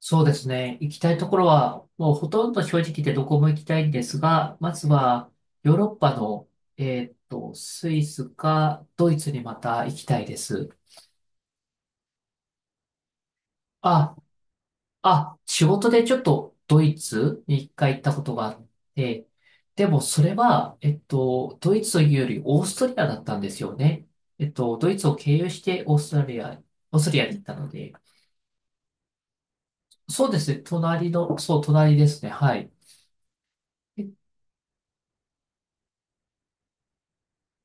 そうですね。行きたいところは、もうほとんど正直言ってどこも行きたいんですが、まずはヨーロッパの、えスイスかドイツにまた行きたいです。あ、仕事でちょっとドイツに一回行ったことがあって、でもそれは、ドイツというよりオーストリアだったんですよね。ドイツを経由してオーストリアに行ったので、そうですね、隣の、そう、隣ですね、はい。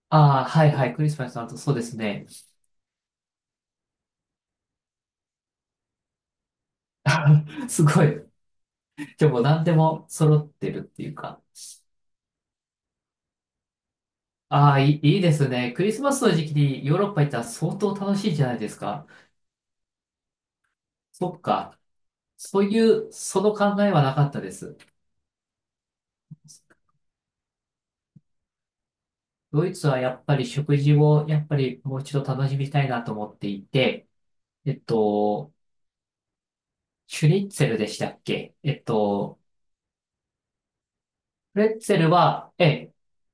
ああ、はいはい、クリスマスの後、そうですね。あすごい。じゃあもう何でも揃ってるっていうか。ああ、いいですね。クリスマスの時期にヨーロッパ行ったら相当楽しいじゃないですか。そっか。そういう、その考えはなかったです。ドイツはやっぱり食事をやっぱりもう一度楽しみたいなと思っていて、えっと、シュニッツェルでしたっけプレッツェルは、ええ、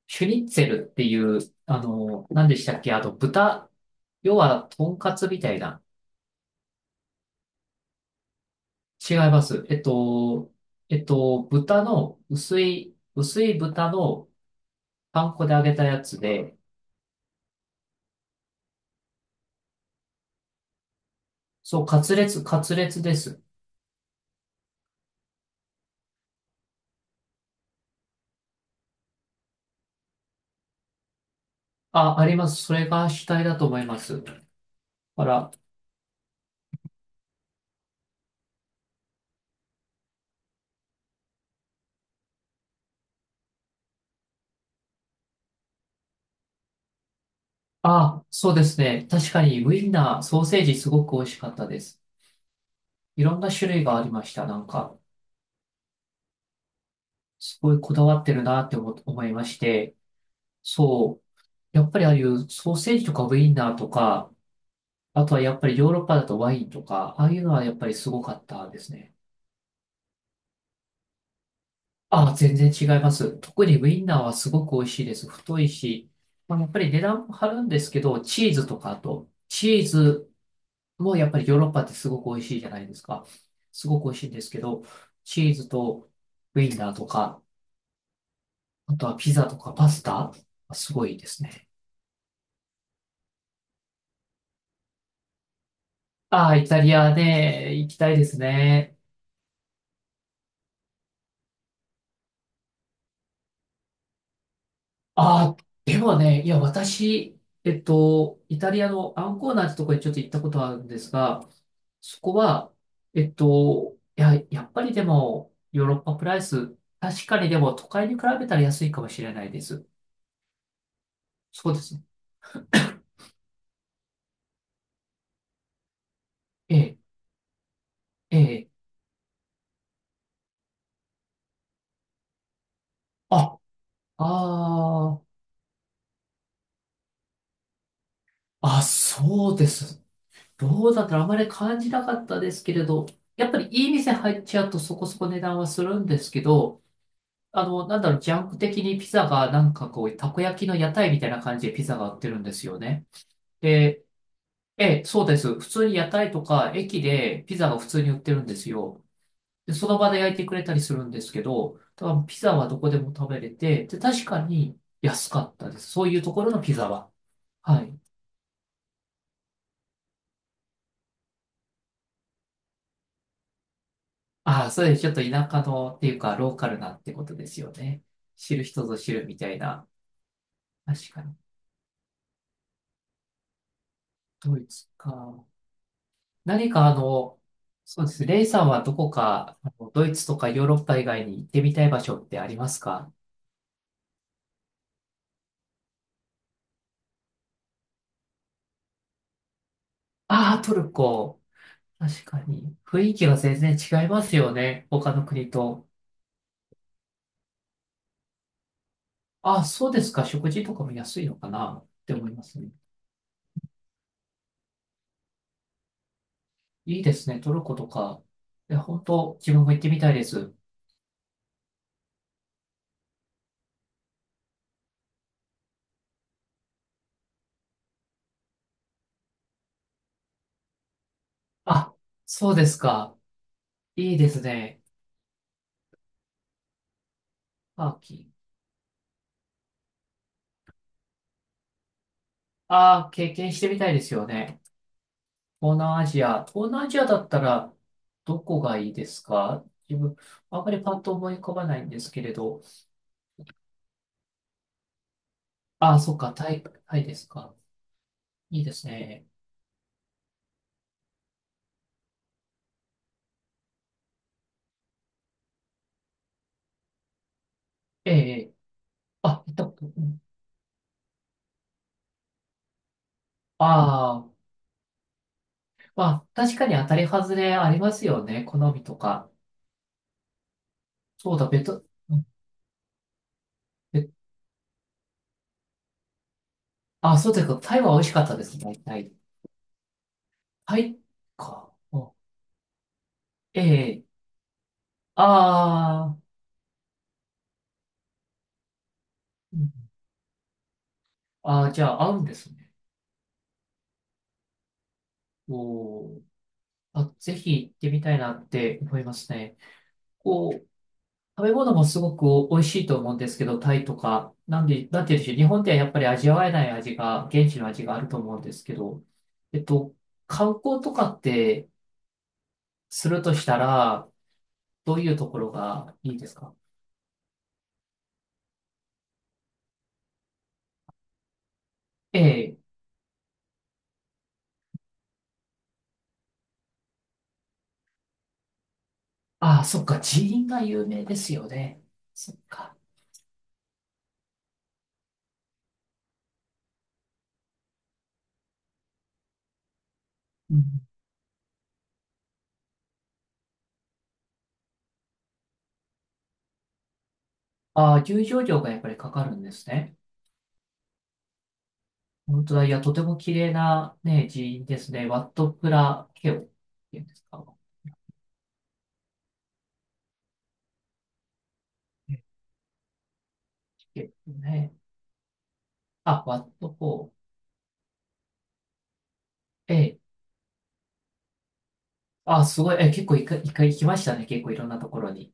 シュニッツェルっていう、何でしたっけ豚、要は、とんかつみたいな。違います。豚の、薄い豚のパン粉で揚げたやつで、そう、カツレツです。あ、あります。それが主体だと思います。あら、あ、そうですね。確かに、ウインナー、ソーセージすごく美味しかったです。いろんな種類がありました。なんか、すごいこだわってるなって思いまして、そう。やっぱりああいうソーセージとかウインナーとか、あとはやっぱりヨーロッパだとワインとか、ああいうのはやっぱりすごかったですね。ああ、全然違います。特にウインナーはすごく美味しいです。太いし、まあ、やっぱり値段も張るんですけど、チーズとかあと、チーズもやっぱりヨーロッパってすごく美味しいじゃないですか。すごく美味しいんですけど、チーズとウインナーとか、あとはピザとかパスタ、すごいですね。ああ、イタリアね、行きたいですね。ああ、でもね、いや、私、イタリアのアンコーナーってとこにちょっと行ったことあるんですが、そこは、いや、やっぱりでも、ヨーロッパプライス、確かにでも都会に比べたら安いかもしれないです。そうですね。ええ、ええ。あ、ああ、あ、そうです。どうだったらあまり感じなかったですけれど、やっぱりいい店入っちゃうとそこそこ値段はするんですけど、なんだろう、ジャンク的にピザがなんかこう、たこ焼きの屋台みたいな感じでピザが売ってるんですよね。で、ええ、そうです。普通に屋台とか駅でピザが普通に売ってるんですよ。で、その場で焼いてくれたりするんですけど、多分ピザはどこでも食べれて、で、確かに安かったです。そういうところのピザは。はい。ああ、そうですちょっと田舎のっていうか、ローカルなってことですよね。知る人ぞ知るみたいな。確かに。ドイツか。何かそうですね。レイさんはどこか、あのドイツとかヨーロッパ以外に行ってみたい場所ってありますか？ああー、トルコ。確かに。雰囲気が全然違いますよね。他の国と。ああ、そうですか。食事とかも安いのかなって思いますね。いいですね。トルコとか。いや、本当自分も行ってみたいです。あ、そうですか。いいですね。ターキー。ああ、経験してみたいですよね。東南アジア。東南アジアだったら、どこがいいですか？自分、あんまりパッと思い浮かばないんですけれど。ああ、そっか、タイ、タイですか。いいですね。ええ、あ、行ったこと、ああー、まあ、確かに当たり外れありますよね。好みとか。そうだ、うんベあ、そうですか。タイは美味しかったですね。タイ。タイか。あええ、ああ、うんああ、じゃあ合うんですね。おーあ、ぜひ行ってみたいなって思いますね。こう、食べ物もすごく美味しいと思うんですけど、タイとか、なんて言うんでしょう。日本ではやっぱり味わえない味が、現地の味があると思うんですけど、えっと、観光とかってするとしたら、どういうところがいいですか？ええ。ああ、そっか。寺院が有名ですよね。そっか。うん。ああ、入場料がやっぱりかかるんですね。本当だ。いや、とても綺麗なね、寺院ですね。ワット・プラ・ケオっていうんですか？ねあ、ワット・フォー。ええ。あ、すごい。え、結構一回行きましたね。結構いろんなところに。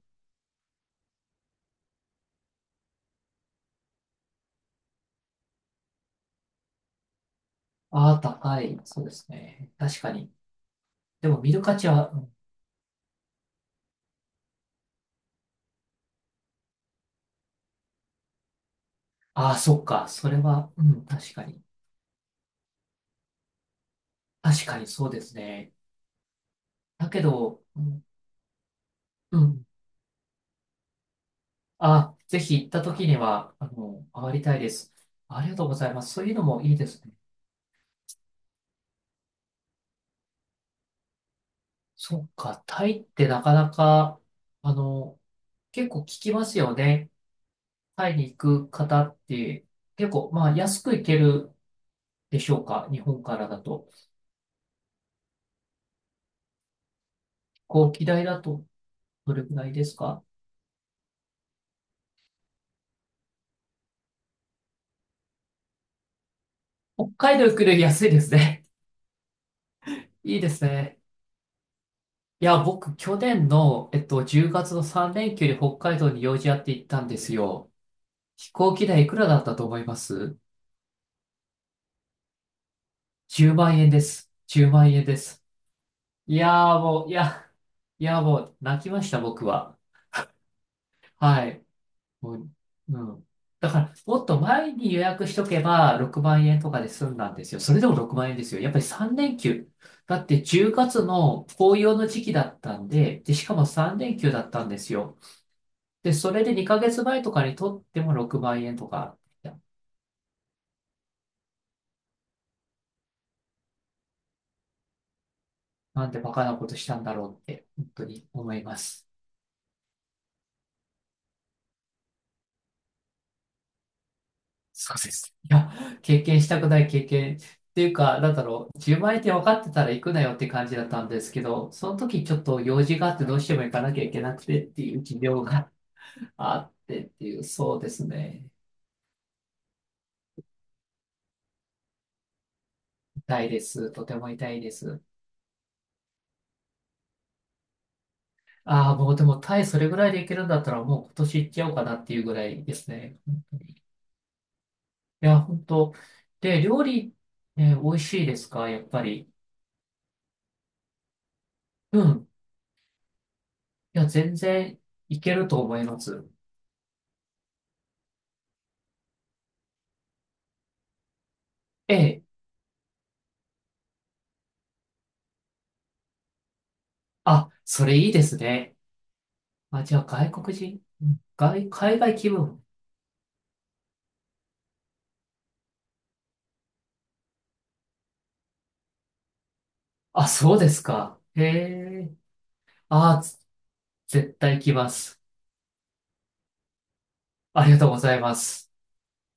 ああ、高い。そうですね。確かに。でも見る価値は、うんああ、そっか。それは、うん、確かに。確かにそうですね。だけど、うん、うん。あ、ぜひ行った時には、回りたいです。ありがとうございます。そういうのもいいですね。そっか。タイってなかなか、あの、結構聞きますよね。タイに行く方って、結構、まあ、安く行けるでしょうか？日本からだと。飛行機代だとどれくらいですか？北海道行くより安いですね。いいですね。いや、僕、去年の、10月の3連休に北海道に用事あって行ったんですよ。飛行機代いくらだったと思います？10万円です。10万円です。いやーもう、いや、いやもう、泣きました、僕は。はい。もううん。だから、もっと前に予約しとけば6万円とかで済んだんですよ。それでも6万円ですよ。やっぱり3連休。だって10月の紅葉の時期だったんで、で、しかも3連休だったんですよ。で、それで2ヶ月前とかにとっても6万円とか、いやなんでバカなことしたんだろうって、本当に思います。そうです。いや、経験したくない経験っていうか、なんだろう、10万円って分かってたら行くなよって感じだったんですけど、その時ちょっと用事があってどうしても行かなきゃいけなくてっていう事情が あってっていう、そうですね。痛いです。とても痛いです。ああ、もうでもタイそれぐらいで行けるんだったらもう今年行っちゃおうかなっていうぐらいですね。いや、本当。で、料理、ね、美味しいですか？やっぱり。うん。いや、全然いけると思います。ええあ、それいいですね。あ、じゃあ外国人、うん海外気分。あ、そうですか。へえ。あ、絶対来ます。ありがとうございます。